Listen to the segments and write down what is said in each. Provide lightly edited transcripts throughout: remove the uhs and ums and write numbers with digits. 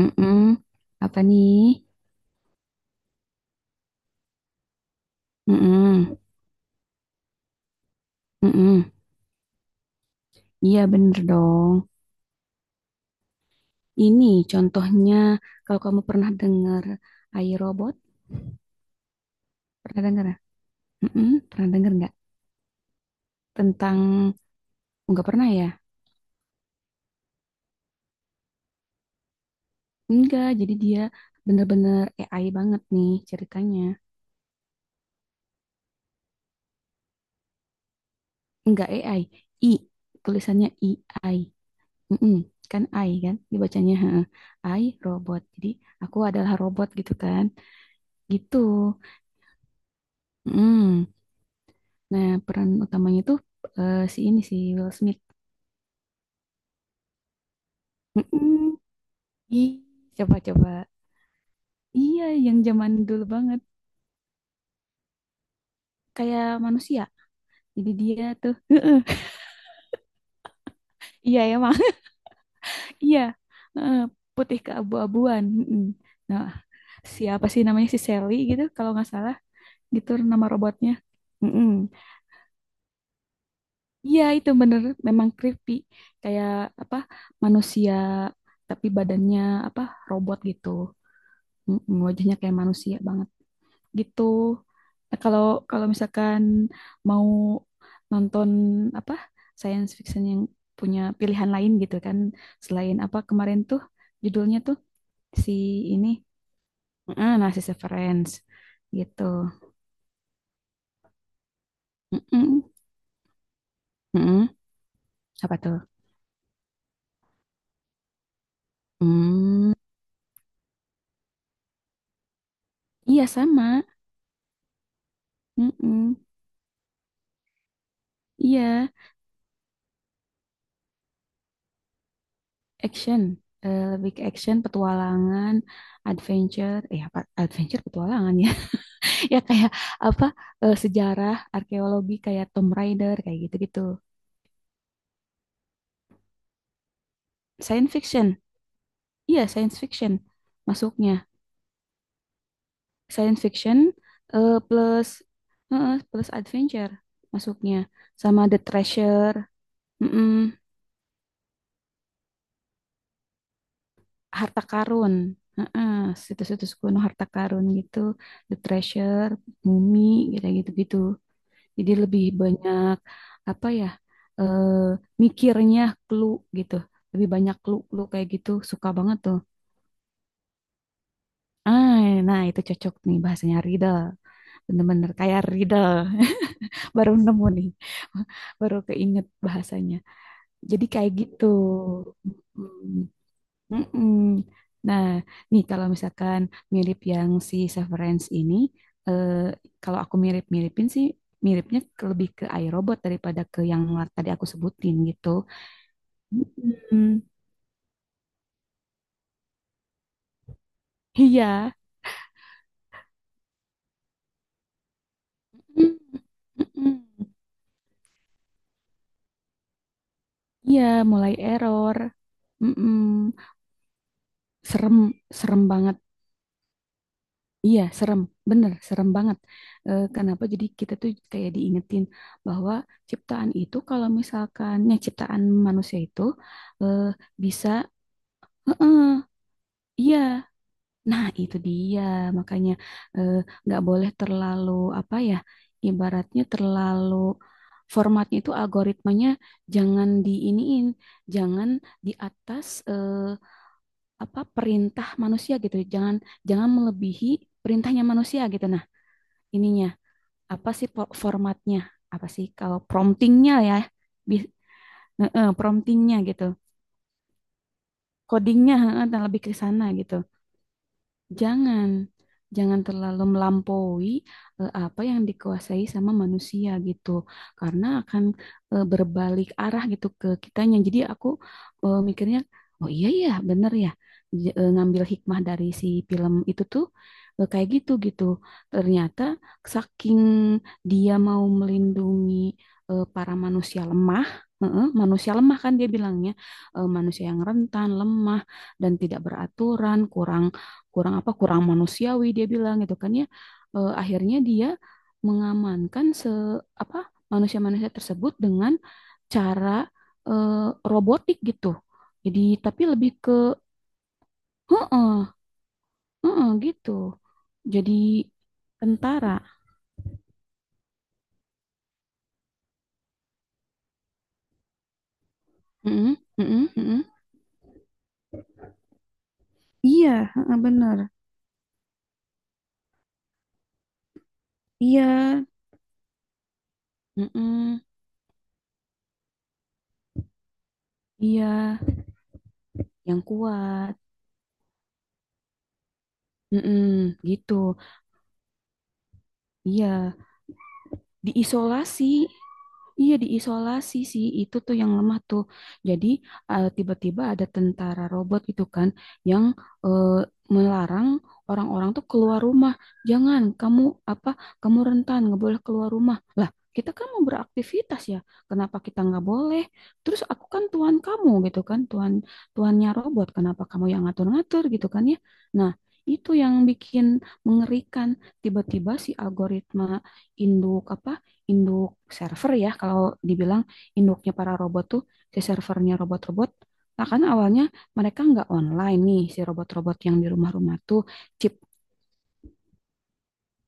Mm-mm. Apa nih? Mm-mm. Mm-mm. Iya bener dong. Ini contohnya, kalau kamu pernah dengar iRobot, pernah dengar? Mm-mm. Pernah dengar nggak? Tentang oh, nggak pernah ya? Enggak. Jadi dia bener-bener AI banget nih ceritanya. Enggak AI, I, tulisannya I. Mm-mm. Kan I kan dibacanya heeh. I robot. Jadi aku adalah robot gitu kan? Gitu. Mm. Nah, peran utamanya tuh si ini si Will Smith. Mm-mm. Ih, coba-coba. Iya, yang zaman dulu banget. Kayak manusia. Jadi dia tuh. Iya emang. Iya. Heeh, putih keabu-abuan. Mm-mm. Nah, siapa sih namanya si Sally gitu kalau nggak salah, gitu nama robotnya. Mm-mm. Iya, itu bener memang creepy. Kayak apa? Manusia tapi badannya apa? Robot gitu. Mm-mm, wajahnya kayak manusia banget. Gitu. Nah, kalau kalau misalkan mau nonton apa science fiction yang punya pilihan lain gitu kan, selain apa kemarin tuh judulnya tuh si ini. Heeh, nah si Severance gitu. Mm-mm, mm-mm. Apa tuh? Hmm, iya sama. Mm-mm, iya, action. Lebih ke action, petualangan, adventure. Eh, apa? Adventure, petualangan ya. Ya kayak apa sejarah arkeologi kayak Tomb Raider kayak gitu-gitu science fiction, iya science fiction masuknya, science fiction plus plus adventure masuknya, sama The Treasure, mm-mm, harta karun. Heeh, situs-situs kuno harta karun gitu, The Treasure, mumi gitu-gitu gitu. Jadi lebih banyak apa ya, eh, mikirnya clue gitu. Lebih banyak clue-clue kayak gitu suka banget tuh. Ah, nah itu cocok nih bahasanya riddle. Bener-bener kayak riddle. Baru nemu nih. Baru keinget bahasanya. Jadi kayak gitu. Mm. Mm-mm. Nah, nih kalau misalkan mirip yang si Severance ini, eh, kalau aku mirip-miripin sih, miripnya lebih ke iRobot daripada ke yang tadi aku sebutin gitu. Mm-mm. Iya, mm-mm. Mm-mm. Iya, mulai error. Mm-mm. Serem, serem banget. Iya, serem, bener, serem banget. Eh, kenapa? Jadi kita tuh kayak diingetin bahwa ciptaan itu, kalau misalkannya ciptaan manusia itu eh, bisa. Heeh, iya, nah itu dia. Makanya eh, nggak boleh terlalu apa ya, ibaratnya terlalu formatnya itu algoritmanya jangan diiniin, jangan di atas apa perintah manusia gitu, jangan jangan melebihi perintahnya manusia gitu. Nah, ininya apa sih formatnya? Apa sih kalau promptingnya ya? Promptingnya gitu. Codingnya lebih ke sana gitu. Jangan, jangan terlalu melampaui apa yang dikuasai sama manusia gitu, karena akan berbalik arah gitu ke kitanya. Jadi aku mikirnya, oh iya ya, bener ya, ngambil hikmah dari si film itu tuh kayak gitu gitu. Ternyata saking dia mau melindungi para manusia lemah. Heeh, manusia lemah kan dia bilangnya manusia yang rentan, lemah dan tidak beraturan, kurang kurang apa kurang manusiawi dia bilang gitu kan ya. Eh, akhirnya dia mengamankan se apa manusia-manusia tersebut dengan cara eh, robotik gitu, jadi tapi lebih ke heeh heeh gitu, jadi Tentara. Heeh heeh heeh. Iya, heeh, bener. Iya, heeh, iya, yang kuat, heeh gitu, iya, diisolasi. Iya, diisolasi sih. Itu tuh yang lemah tuh. Jadi, tiba-tiba ada tentara robot gitu kan, yang eh, melarang orang-orang tuh keluar rumah. Jangan kamu apa? Kamu rentan, nggak boleh keluar rumah. Lah, kita kan mau beraktivitas ya. Kenapa kita nggak boleh? Terus aku kan tuan kamu gitu kan, tuan tuannya robot. Kenapa kamu yang ngatur-ngatur gitu kan ya? Nah, itu yang bikin mengerikan. Tiba-tiba si algoritma induk apa, induk server ya kalau dibilang, induknya para robot tuh, si servernya robot-robot. Nah kan awalnya mereka nggak online nih si robot-robot yang di rumah-rumah tuh, chip.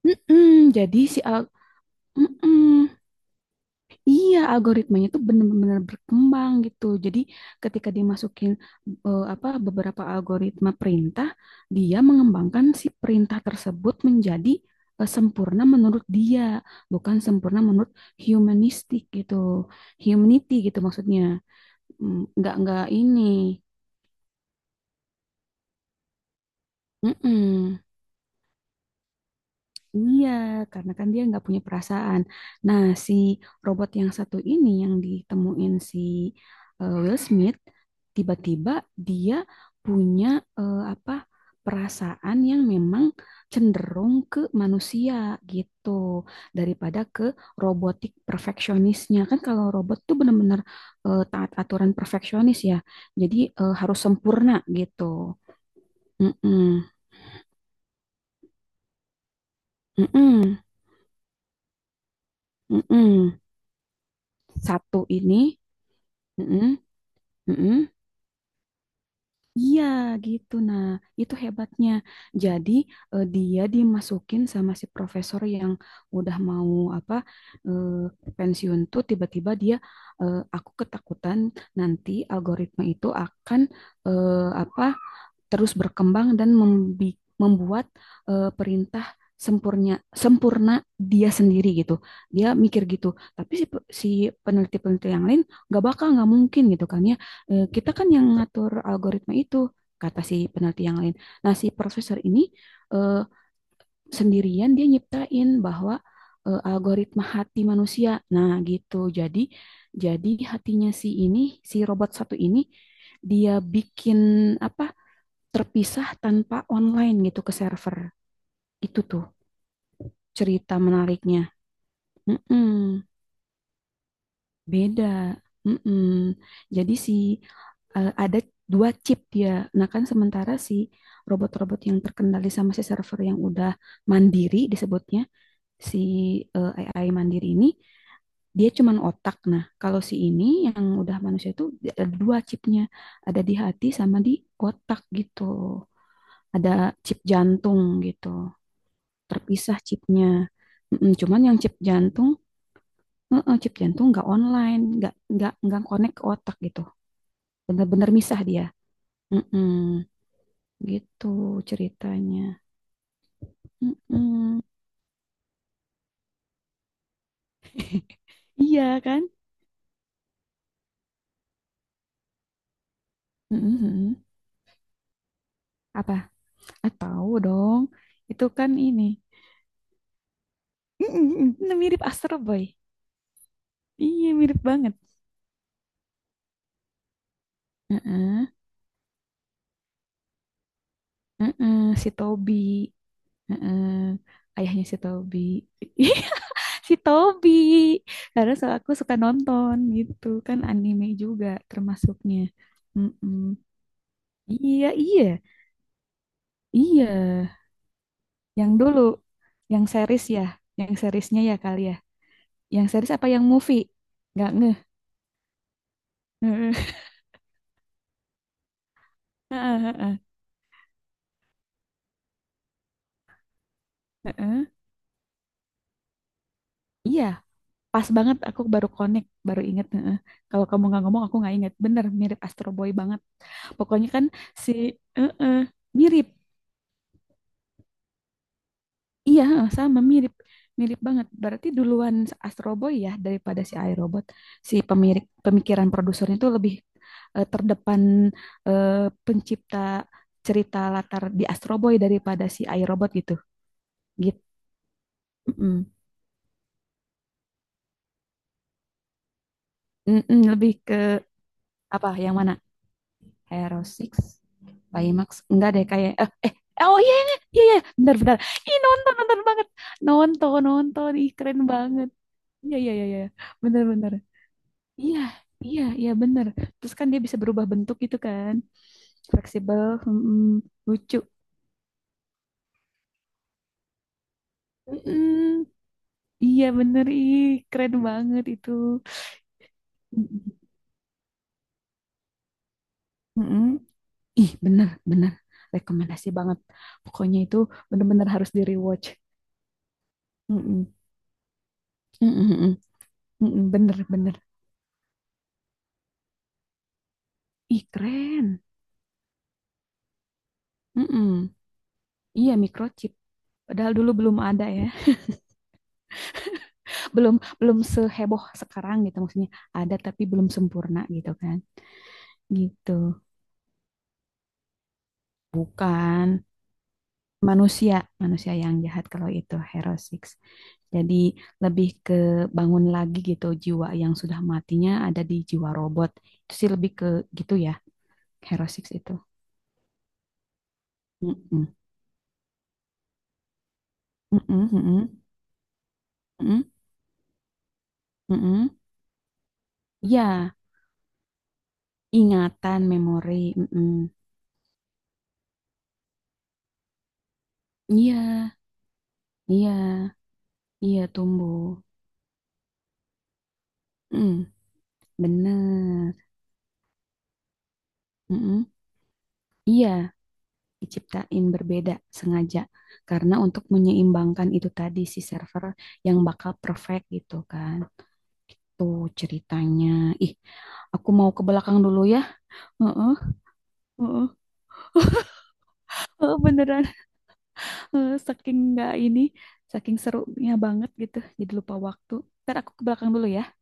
Mm-mm, jadi mm-mm. Iya, algoritmanya itu benar-benar berkembang gitu. Jadi ketika dimasukin apa beberapa algoritma perintah, dia mengembangkan si perintah tersebut menjadi sempurna menurut dia, bukan sempurna menurut humanistik gitu, humanity gitu maksudnya. Mm, nggak ini. Mm-mm. Iya, karena kan dia nggak punya perasaan. Nah, si robot yang satu ini yang ditemuin si Will Smith, tiba-tiba dia punya eh, apa perasaan yang memang cenderung ke manusia gitu daripada ke robotik perfeksionisnya. Kan kalau robot tuh bener-bener taat aturan perfeksionis ya, jadi harus sempurna gitu. Mm-mm. Mm-mm. Mm-mm. Satu ini. Mm-mm, mm-mm. Iya gitu. Nah, itu hebatnya. Jadi dia dimasukin sama si profesor yang udah mau apa eh, pensiun tuh, tiba-tiba dia aku ketakutan nanti algoritma itu akan eh, apa terus berkembang dan membuat perintah sempurna sempurna dia sendiri gitu. Dia mikir gitu. Tapi si, si peneliti-peneliti yang lain nggak bakal nggak mungkin gitu kan ya, kita kan yang ngatur algoritma itu, kata si peneliti yang lain. Nah, si profesor ini eh, sendirian dia nyiptain bahwa algoritma hati manusia. Nah, gitu. Jadi hatinya si ini, si robot satu ini, dia bikin apa? Terpisah tanpa online gitu ke server. Itu tuh cerita menariknya. Mm-mm. Beda. Mm-mm. Jadi si ada dua chip dia. Nah kan sementara si robot-robot yang terkendali sama si server yang udah mandiri disebutnya si eh, AI mandiri ini dia cuman otak. Nah kalau si ini yang udah manusia itu dia ada dua chipnya, ada di hati sama di otak gitu. Ada chip jantung gitu, terpisah chipnya. Mm-mm. Cuman yang chip jantung, heeh, chip jantung nggak online, nggak connect ke otak gitu. Bener-bener misah dia. Mm-mm, gitu ceritanya. Mm-mm. Iya kan? Mm-mm. Apa? Ah, tahu dong. Itu kan ini. Mm-mm, mirip Astro Boy. Iya, mirip banget. Heeh. Heeh, si Toby. Heeh. Ayahnya si Toby. Si Toby. Karena aku suka nonton gitu kan anime juga termasuknya. Mm-mm. Iya, iya, iya. Yang dulu, yang series ya, yang seriesnya ya kali ya. Yang series apa yang movie? Nggak ngeh. Heeh. Heeh, heeh, heeh. Iya, pas banget aku baru connect, baru inget. Heeh. Kalau kamu nggak ngomong, aku nggak inget. Bener, mirip Astro Boy banget. Pokoknya kan si, heeh, mirip. Iya, heeh, sama mirip mirip banget. Berarti duluan Astro Boy ya daripada si iRobot. Si pemirik pemikiran produsernya itu lebih terdepan eh, pencipta cerita latar di Astro Boy daripada si iRobot gitu. Gitu. Mm-mm. Mm-mm, lebih ke apa yang mana? Hero Six, Baymax. Enggak deh kayak oh iya iya iya iya. Benar benar. Ih nonton nonton banget. Nonton nonton ih keren banget. Iya iya iya iya. Bener-bener. Iya, iya, iya bener. Terus kan dia bisa berubah bentuk gitu kan. Fleksibel, mm-mm, lucu. Mm-mm. Iya bener, ih keren banget itu. Mm-mm, mm-mm. Ih bener, bener. Rekomendasi banget. Pokoknya itu bener-bener harus di-rewatch. Mm-mm. Mm-mm, mm-mm. Mm bener, bener. Ih keren. Mm-mm. Iya microchip. Padahal dulu belum ada ya. Belum belum seheboh sekarang gitu maksudnya. Ada tapi belum sempurna gitu kan. Gitu. Bukan manusia, manusia yang jahat kalau itu Hero Six. Jadi lebih ke bangun lagi gitu jiwa yang sudah matinya ada di jiwa robot. Itu sih lebih ke gitu ya, Hero Six itu. Mm-mm. Mm-mm, mm-mm, mm-mm, mm-mm. Iya, ingatan, memori. Mm-mm. Iya, iya, iya tumbuh. Mm, bener. Mm-mm. Iya, diciptain berbeda sengaja karena untuk menyeimbangkan itu tadi si server yang bakal perfect gitu kan, itu ceritanya, ih aku mau ke belakang dulu ya. Heeh, heeh, heeh, beneran. Heeh, saking nggak ini, saking serunya banget gitu jadi lupa waktu, ntar aku ke belakang dulu ya.